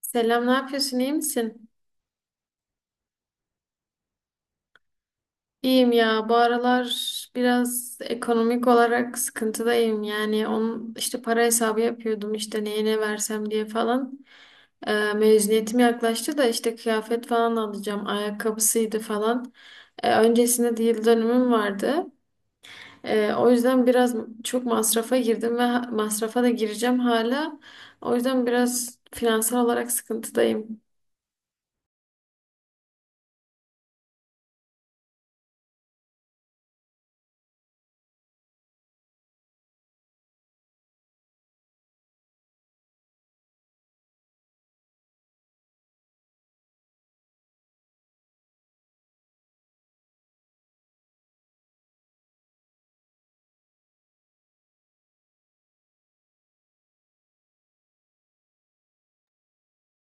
Selam, ne yapıyorsun? İyi misin? İyiyim ya. Bu aralar biraz ekonomik olarak sıkıntıdayım. Yani onun işte para hesabı yapıyordum işte neye ne versem diye falan. Mezuniyetim yaklaştı da işte kıyafet falan alacağım. Ayakkabısıydı falan. Öncesinde de yıl dönümüm vardı. O yüzden biraz çok masrafa girdim ve masrafa da gireceğim hala. O yüzden biraz finansal olarak sıkıntıdayım.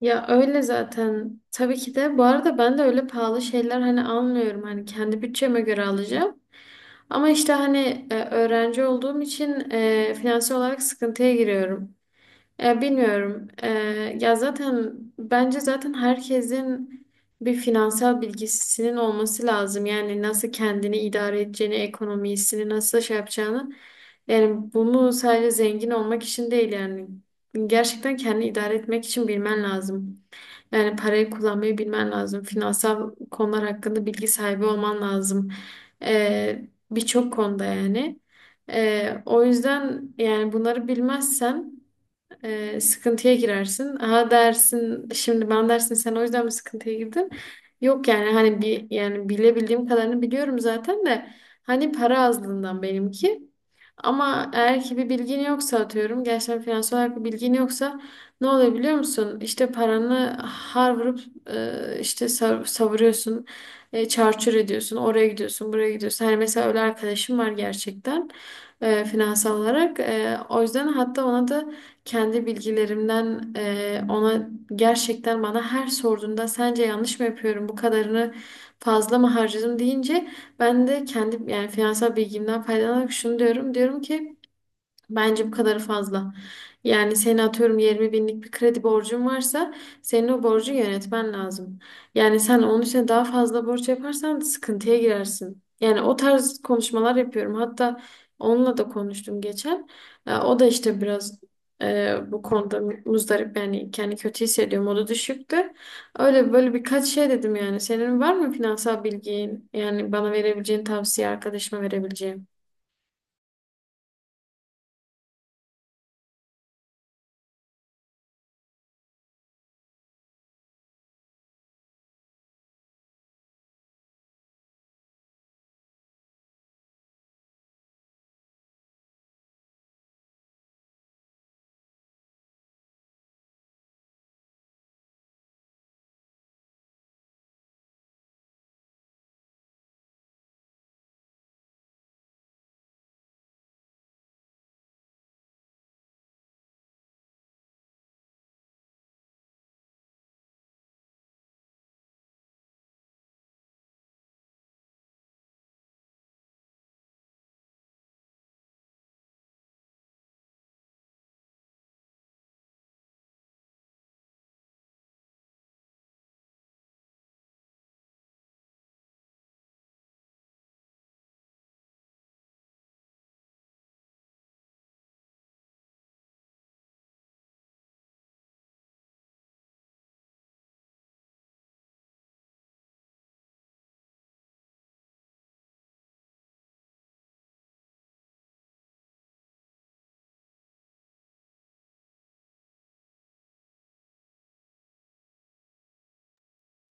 Ya öyle zaten. Tabii ki de. Bu arada ben de öyle pahalı şeyler hani almıyorum. Hani kendi bütçeme göre alacağım. Ama işte hani öğrenci olduğum için finansal olarak sıkıntıya giriyorum. Bilmiyorum. Ya zaten bence zaten herkesin bir finansal bilgisinin olması lazım. Yani nasıl kendini idare edeceğini, ekonomisini nasıl şey yapacağını. Yani bunu sadece zengin olmak için değil yani. Gerçekten kendini idare etmek için bilmen lazım. Yani parayı kullanmayı bilmen lazım. Finansal konular hakkında bilgi sahibi olman lazım. Ee, Birçok konuda yani. O yüzden yani bunları bilmezsen sıkıntıya girersin. Ha dersin şimdi ben dersin sen o yüzden mi sıkıntıya girdin? Yok yani hani bir yani bilebildiğim kadarını biliyorum zaten de hani para azlığından benimki. Ama eğer ki bir bilgin yoksa atıyorum gerçekten finansal olarak bir bilgin yoksa ne oluyor biliyor musun? İşte paranı har vurup işte savuruyorsun, çarçur ediyorsun, oraya gidiyorsun, buraya gidiyorsun. Hani mesela öyle arkadaşım var gerçekten finansal olarak. E, o yüzden hatta ona da kendi bilgilerimden ona gerçekten bana her sorduğunda sence yanlış mı yapıyorum bu kadarını fazla mı harcadım deyince ben de kendi yani finansal bilgimden faydalanarak şunu diyorum. Diyorum ki bence bu kadarı fazla. Yani seni atıyorum 20 binlik bir kredi borcun varsa senin o borcu yönetmen lazım. Yani sen onun için daha fazla borç yaparsan sıkıntıya girersin. Yani o tarz konuşmalar yapıyorum. Hatta onunla da konuştum geçen. O da işte biraz bu konuda muzdarip yani kendi kötü hissediyor. Modu düşüktü. Öyle böyle birkaç şey dedim yani. Senin var mı finansal bilgin? Yani bana verebileceğin tavsiye, arkadaşıma verebileceğim.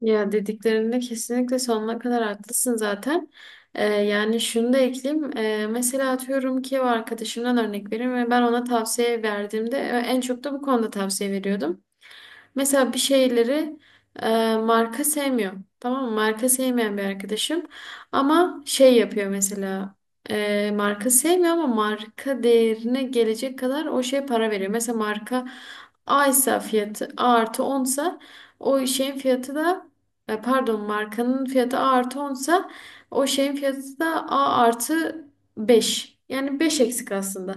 Ya dediklerinde kesinlikle sonuna kadar haklısın zaten. Yani şunu da ekleyeyim. Mesela atıyorum ki o arkadaşımdan örnek vereyim ve ben ona tavsiye verdiğimde en çok da bu konuda tavsiye veriyordum. Mesela bir şeyleri marka sevmiyor. Tamam mı? Marka sevmeyen bir arkadaşım. Ama şey yapıyor mesela. Marka sevmiyor ama marka değerine gelecek kadar o şeye para veriyor. Mesela marka A ise fiyatı A artı 10 sa o şeyin fiyatı da pardon markanın fiyatı A artı 10 sa o şeyin fiyatı da A artı 5. Yani 5 eksik aslında.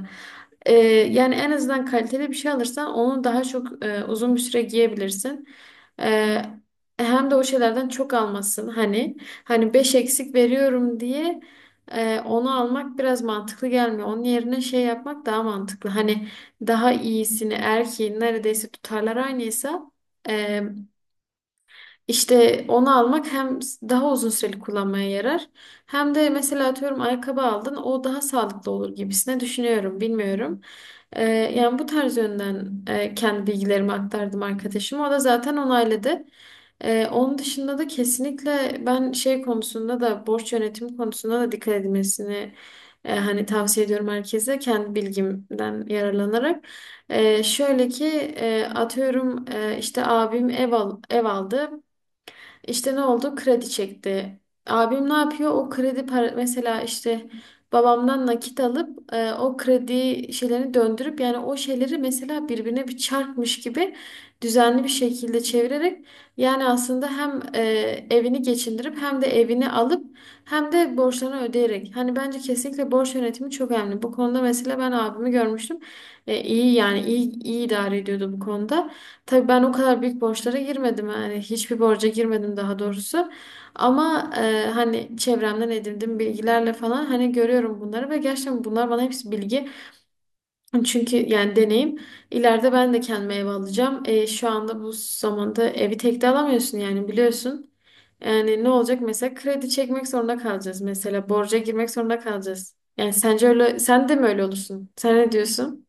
Ee, Yani en azından kaliteli bir şey alırsan onu daha çok uzun bir süre giyebilirsin. Ee, Hem de o şeylerden çok almasın. Hani 5 eksik veriyorum diye onu almak biraz mantıklı gelmiyor. Onun yerine şey yapmak daha mantıklı. Hani daha iyisini erkeğin neredeyse tutarlar aynıysa e, işte onu almak hem daha uzun süreli kullanmaya yarar hem de mesela atıyorum ayakkabı aldın o daha sağlıklı olur gibisine düşünüyorum bilmiyorum. Yani bu tarz yönden kendi bilgilerimi aktardım arkadaşıma o da zaten onayladı. Onun dışında da kesinlikle ben şey konusunda da borç yönetimi konusunda da dikkat edilmesini hani tavsiye ediyorum herkese kendi bilgimden yararlanarak. Şöyle ki atıyorum işte abim ev aldı. İşte ne oldu? Kredi çekti. Abim ne yapıyor? O kredi para mesela işte babamdan nakit alıp o kredi şeylerini döndürüp yani o şeyleri mesela birbirine bir çarpmış gibi düzenli bir şekilde çevirerek yani aslında hem evini geçindirip hem de evini alıp hem de borçlarını ödeyerek. Hani bence kesinlikle borç yönetimi çok önemli. Bu konuda mesela ben abimi görmüştüm. E, iyi yani iyi idare ediyordu bu konuda. Tabii ben o kadar büyük borçlara girmedim yani hiçbir borca girmedim daha doğrusu ama hani çevremden edindiğim bilgilerle falan hani görüyorum bunları ve gerçekten bunlar bana hepsi bilgi çünkü yani deneyim ileride ben de kendime ev alacağım. E, şu anda bu zamanda evi tek de alamıyorsun yani biliyorsun yani ne olacak mesela kredi çekmek zorunda kalacağız mesela borca girmek zorunda kalacağız yani sence öyle sen de mi öyle olursun sen ne diyorsun?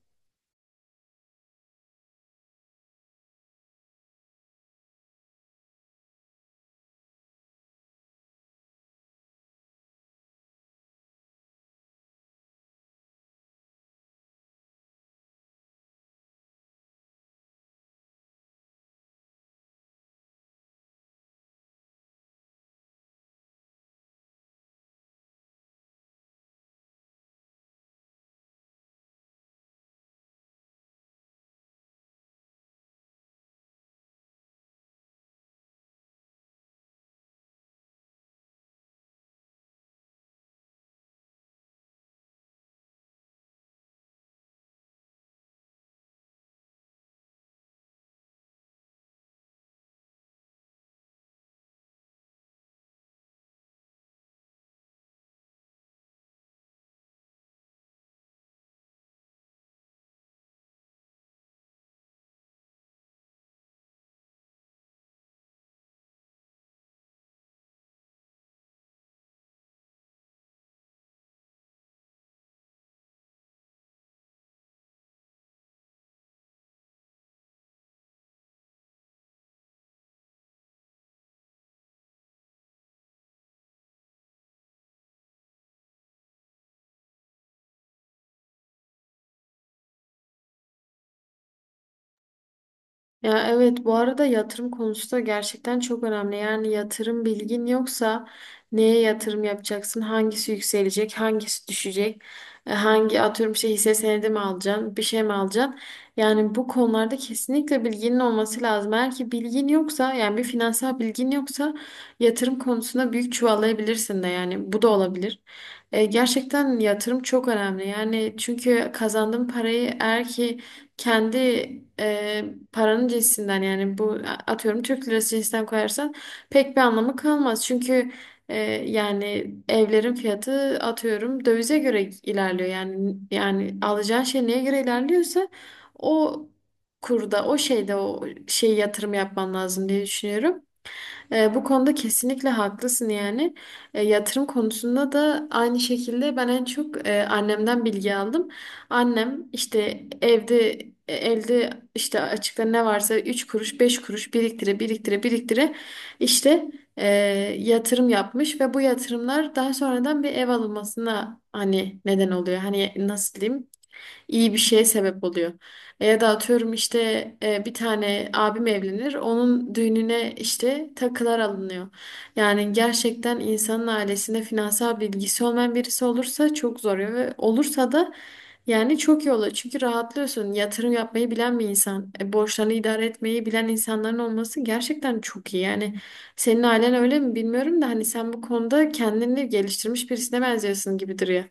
Ya evet bu arada yatırım konusu da gerçekten çok önemli. Yani yatırım bilgin yoksa neye yatırım yapacaksın? Hangisi yükselecek? Hangisi düşecek? Hangi atıyorum şey hisse senedi mi alacaksın? Bir şey mi alacaksın? Yani bu konularda kesinlikle bilginin olması lazım. Eğer ki bilgin yoksa yani bir finansal bilgin yoksa yatırım konusunda büyük çuvallayabilirsin de yani bu da olabilir. Gerçekten yatırım çok önemli. Yani çünkü kazandığın parayı eğer ki kendi e, paranın cinsinden yani bu atıyorum Türk lirası cinsinden koyarsan pek bir anlamı kalmaz. Çünkü e, yani evlerin fiyatı atıyorum dövize göre ilerliyor. Yani alacağın şey neye göre ilerliyorsa o kurda o şeyde o şey yatırım yapman lazım diye düşünüyorum. Bu konuda kesinlikle haklısın yani. Yatırım konusunda da aynı şekilde ben en çok annemden bilgi aldım. Annem işte evde elde işte açıkta ne varsa 3 kuruş 5 kuruş biriktire biriktire işte e, yatırım yapmış ve bu yatırımlar daha sonradan bir ev alınmasına hani neden oluyor. Hani nasıl diyeyim iyi bir şeye sebep oluyor. E, ya da atıyorum işte bir tane abim evlenir, onun düğününe işte takılar alınıyor. Yani gerçekten insanın ailesinde finansal bilgisi olmayan birisi olursa çok zor ve olursa da yani çok iyi olur. Çünkü rahatlıyorsun. Yatırım yapmayı bilen bir insan, borçlarını idare etmeyi bilen insanların olması gerçekten çok iyi. Yani senin ailen öyle mi bilmiyorum da hani sen bu konuda kendini geliştirmiş birisine benziyorsun gibi duruyor.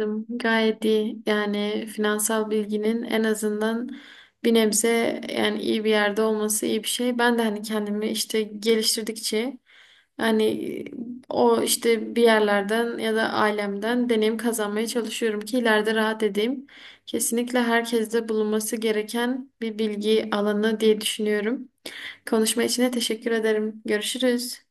Anladım. Gayet iyi. Yani finansal bilginin en azından bir nebze yani iyi bir yerde olması iyi bir şey. Ben de hani kendimi işte geliştirdikçe hani o işte bir yerlerden ya da ailemden deneyim kazanmaya çalışıyorum ki ileride rahat edeyim. Kesinlikle herkeste bulunması gereken bir bilgi alanı diye düşünüyorum. Konuşma için de teşekkür ederim. Görüşürüz.